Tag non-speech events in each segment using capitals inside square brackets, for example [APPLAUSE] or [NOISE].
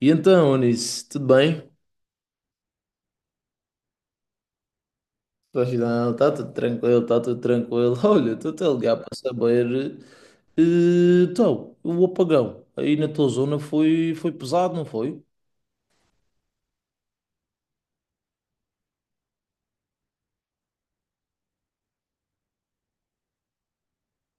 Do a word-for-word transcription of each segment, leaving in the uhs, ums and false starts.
E então, Onis, tudo bem? Pois não, está tudo tranquilo, está tudo tranquilo. [LAUGHS] Olha, estou-te a ligar para saber. eh, Então, o apagão aí na tua zona foi, foi pesado, não foi?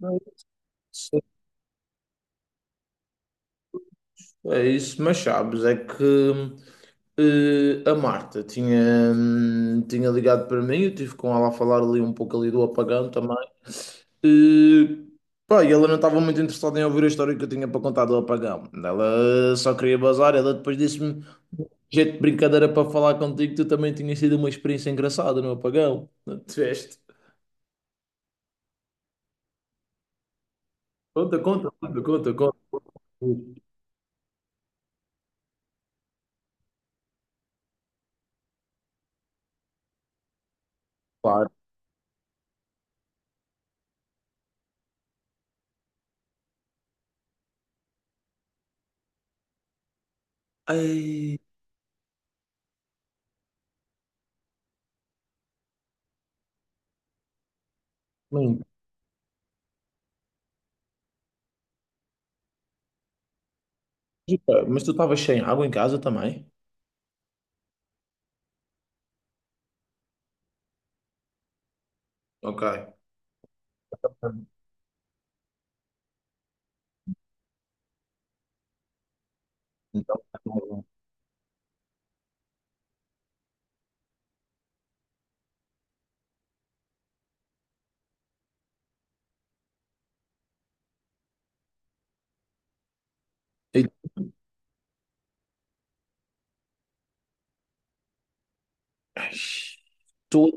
Não. É isso, mas sabes, é que eh, a Marta tinha, hum, tinha ligado para mim, eu tive com ela a falar ali um pouco ali do apagão também. Eh, Pá, e ela não estava muito interessada em ouvir a história que eu tinha para contar do apagão. Ela só queria bazar, ela depois disse-me, jeito de brincadeira para falar contigo, tu também tinha sido uma experiência engraçada no apagão. [LAUGHS] Não tiveste. Conta, conta, conta, conta, conta. Claro. Ai, lindo. Mas tu estavas sem água em casa também? Ok. Então, e tu,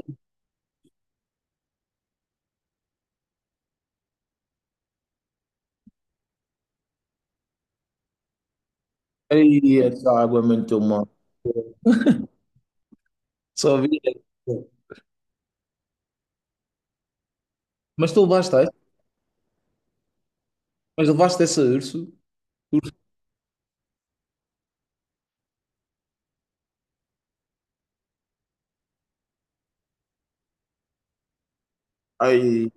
aí essa água muito mal. Só vi. Mas tu levaste essa? Mas levaste essa urso. Urso. Aí,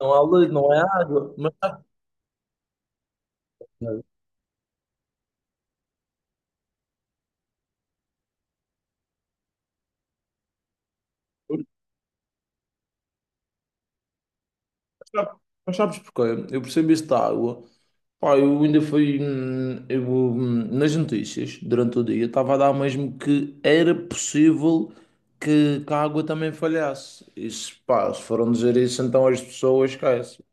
não há lei, não é água. Mas, mas sabe- mas sabes porquê? Eu percebi esta água. Pá, eu ainda fui, hum, eu, hum, nas notícias durante o dia. Estava a dar mesmo que era possível que, que a água também falhasse. Isso, pá, se foram dizer isso, então as pessoas esquecem.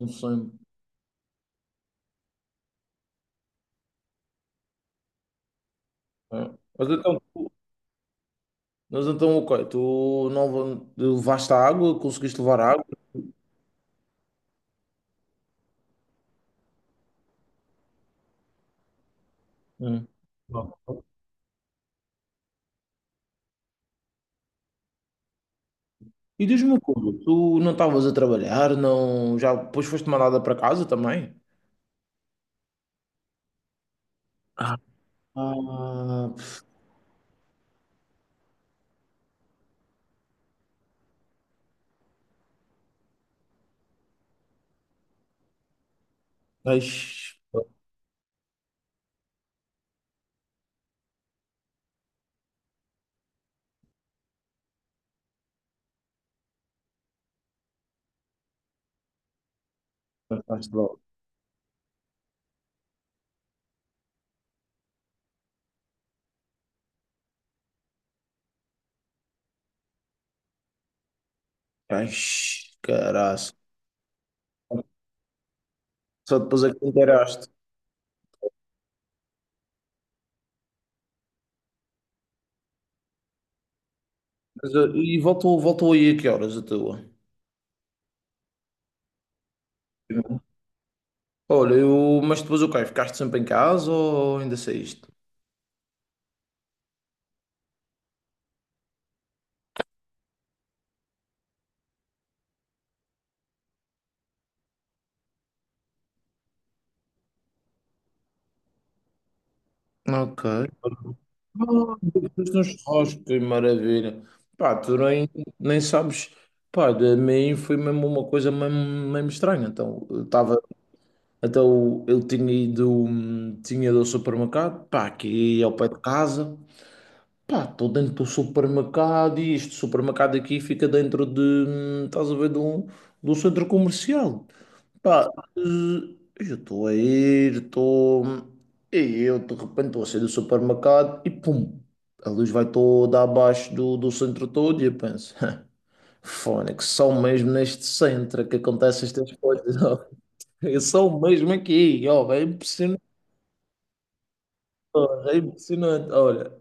Um sonho. É. Mas então, mas então, ok, tu não va- levaste a água, conseguiste levar a água. Hum. Bom. E diz-me uma coisa, tu não estavas a trabalhar, não, já depois foste mandada para casa também? Ah, ah, Eish, ficaste logo. Eish, caraças. Só depois é que te inteiraste. Mas, eh, e voltou, voltou aí a que horas a tua? Olha, eu, mas depois o quê? Ficaste sempre em casa ou ainda saíste? Ok. Oh, depois no churrasco, que maravilha. Pá, tu nem, nem sabes. Pá, de mim foi mesmo uma coisa mesmo, mesmo estranha. Então, eu estava. Então, eu tinha ido. hum, Tinha ido ao supermercado, pá, aqui ao pé de casa. Pá, estou dentro do supermercado e este supermercado aqui fica dentro de. hum, Estás a ver, de um, de um centro comercial. Pá, eh, eu estou a ir, estou. E eu de repente estou a sair do supermercado e pum! A luz vai toda abaixo do, do centro todo e eu penso, [LAUGHS] fone, que são mesmo neste centro que acontecem estas coisas. Ó. [LAUGHS] Eu sou mesmo aqui, ó, é impressionante, ó, é impressionante. Olha,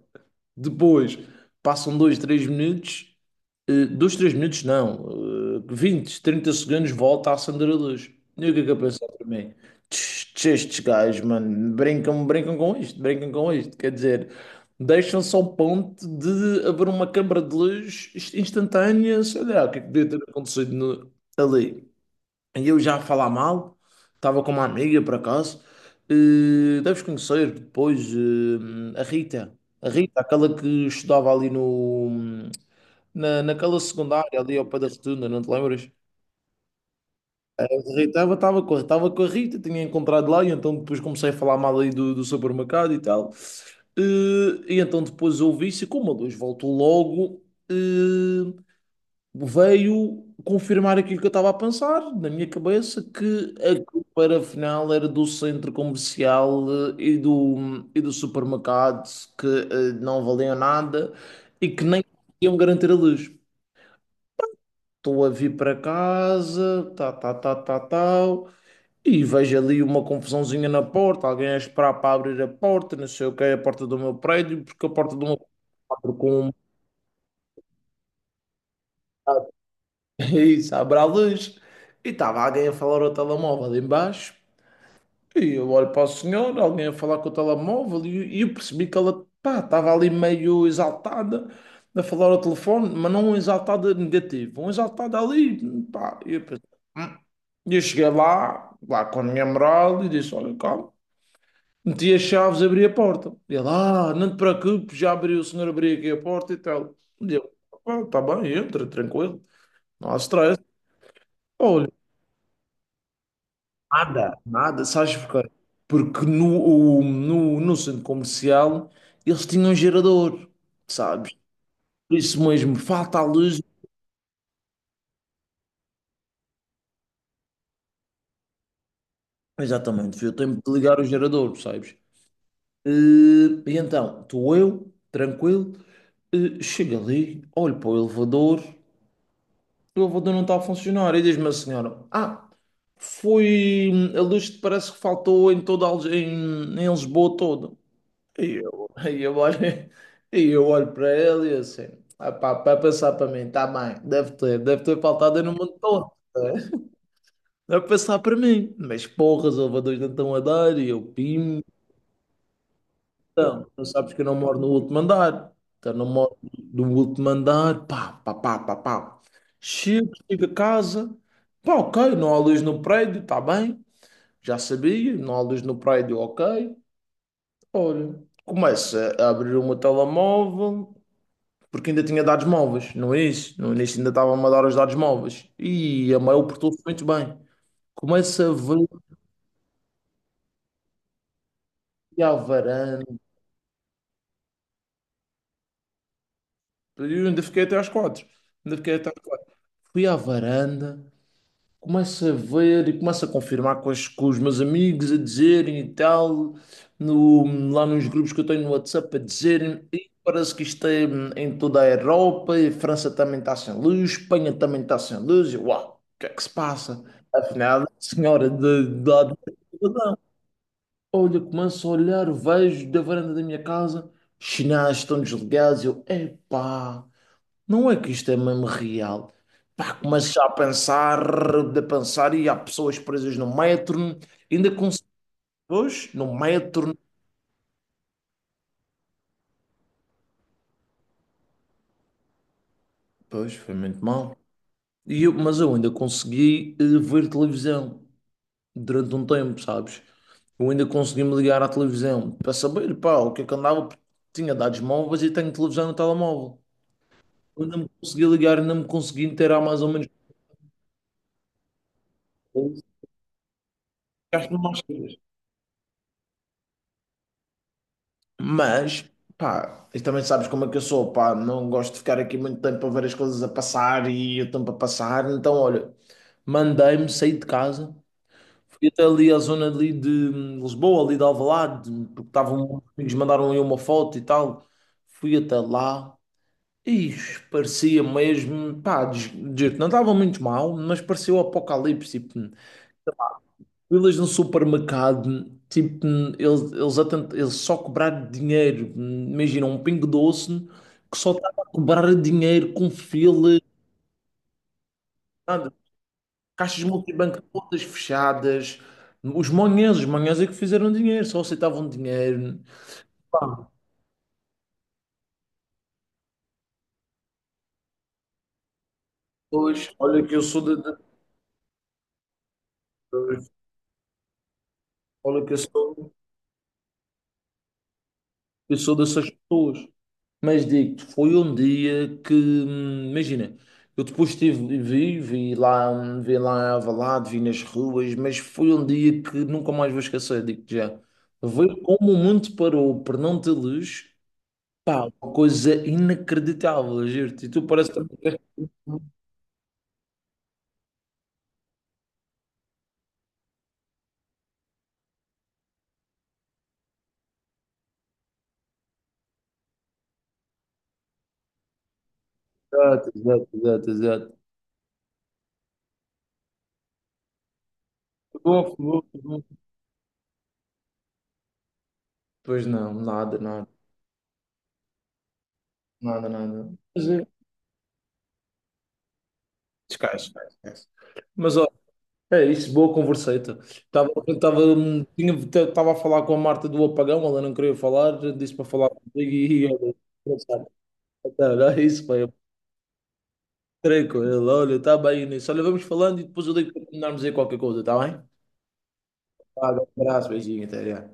depois passam dois, três minutos, eh, dois, três minutos não, eh, vinte, trinta segundos, volta a acender a luz. E o que é que eu pensar para mim? Tch, tch, estes gajos, mano, brincam, brincam com isto, brincam com isto. Quer dizer, deixam-se ao ponto de haver uma câmara de luz inst- instantânea, sei lá, o que é que devia ter acontecido no- ali. E eu já a falar mal, estava com uma amiga por acaso, eh, deves conhecer depois eh, a Rita, a Rita, aquela que estudava ali no, na, naquela secundária, ali ao pé da Rotunda, não te lembras? A Rita estava com, estava com a Rita, tinha encontrado lá, e então depois comecei a falar mal aí do, do supermercado e tal. Eh, E, então depois ouvi-se, como a luz voltou logo, eh, veio confirmar aquilo que eu estava a pensar na minha cabeça, que a para final era do centro comercial eh, e do, e do supermercado que eh, não valiam nada e que nem iam garantir a luz. Estou a vir para casa, tá, tá, tá, tá, tal, e vejo ali uma confusãozinha na porta, alguém a esperar para abrir a porta, não sei o que é a porta do meu prédio, porque a porta do meu prédio com um [LAUGHS] isso, abre a luz. E estava alguém a falar ao telemóvel ali embaixo. E eu olho para o senhor, alguém a falar com o telemóvel, e, e eu percebi que ela, pá, estava ali meio exaltada a falar ao telefone, mas não um exaltada negativo, um exaltada ali, pá. E eu, pensei, "Hum." E eu cheguei lá, lá com a minha moral, e disse: Olha, calma. Meti as chaves, abri a porta. E ele, ah, não te preocupes, já abriu, o senhor abriu aqui a porta e tal. E eu, ah, tá bem, entra, tranquilo, não há stress. Nada, nada, sabes porquê? Porque no, o- no, no centro comercial eles tinham um gerador, sabes? Por isso mesmo, falta a luz. Exatamente, foi o tempo de ligar o gerador, sabes? Eh, E, então, estou eu, tranquilo, eh, chego ali, olho para o elevador, o elevador não está a funcionar. E diz-me a senhora: Ah, foi. hum, A luz parece que faltou em toda a, Lis- em, em Lisboa toda. E eu, [LAUGHS] e eu olho, [LAUGHS] e eu olho para ele e assim, ah pá, para pensar para mim, tá bem, deve ter, deve ter faltado aí no mundo todo. Né? Deve pensar para mim, mas porras, elevadores não estão a dar e eu pimo. Então, tu sabes que eu não moro no último andar, então não moro no último andar, pá, pá, pá, pá, pá. Chego, chego a casa, pá, ok, não há luz no prédio, tá bem, já sabia, não há luz no prédio, ok. Olha, começo a abrir o meu telemóvel. Porque ainda tinha dados móveis no início. No início ainda estava a dar os dados móveis. E a Mail portou-se muito bem. Começo a ver, fui à varanda. Eu ainda fiquei até às quatro. Ainda fiquei até às quatro. Fui à varanda, começo a ver e começo a confirmar com, as- com os meus amigos a dizerem e tal, no- lá nos grupos que eu tenho no WhatsApp a dizerem, e parece que isto é hum, em toda a Europa, e a França também está sem luz, Espanha também está sem luz, e eu, uau, o que é que se passa? Afinal, a senhora de, de, lá de. Olha, começo a olhar, vejo da varanda da minha casa, os sinais estão desligados, eu, epá. Não é que isto é mesmo real. Pá, começas a pensar, a pensar, e há pessoas presas no metro, ainda consegui, pois, no metro, pois, foi muito mal. E eu- mas eu ainda consegui eh, ver televisão durante um tempo, sabes? Eu ainda consegui me ligar à televisão para saber, pá, o que é que andava, porque tinha dados móveis e tenho televisão no telemóvel. Eu ainda me consegui ligar, ainda me consegui inteirar mais ou menos. Gasto-me mais. Mas, pá, e também sabes como é que eu sou, pá, não gosto de ficar aqui muito tempo a ver as coisas a passar e o tempo a passar. Então, olha, mandei-me, saí de casa, fui até ali à zona ali de hum, Lisboa, ali de Alvalade, porque estavam, os amigos mandaram aí uma foto e tal. Fui até lá e parecia mesmo, pá, des- des- não estava muito mal, mas parecia o apocalipse. Tipo, filas no supermercado, tipo, eles, eles, a eles só cobraram dinheiro. Imagina, um Pingo Doce que só estava a cobrar dinheiro com filas, nada. Caixas multibanco todas fechadas. Os manhãs, os manhãs é que fizeram dinheiro, só aceitavam dinheiro. Pá, pois, olha que eu sou de, de- olha que eu sou, eu sou dessas pessoas. Mas digo-te, foi um dia que, hum, imagina, eu depois estive, vi, vi lá, hum, vi lá em Alvalade, vi nas ruas, mas foi um dia que nunca mais vou esquecer, digo-te já. Ver como o mundo parou por não ter luz, pá, uma coisa inacreditável, juro-te. E tu parece que também queres- Exato, exato, exato, exato. Boa, boa, boa. Pois não, nada, nada, nada, nada. Mas é, esquece, esquece, esquece. Mas olha, é isso, boa converseta. Estava, estava tinha- estava a falar com a Marta do apagão, ela não queria falar, disse para falar comigo e olha, engraçado. Então, é isso, pai. Eu treino com ele, olha, está bem, Inês. Olha, vamos falando e depois eu digo para terminarmos aí qualquer coisa, está bem? Tá, um abraço, beijinho, até já.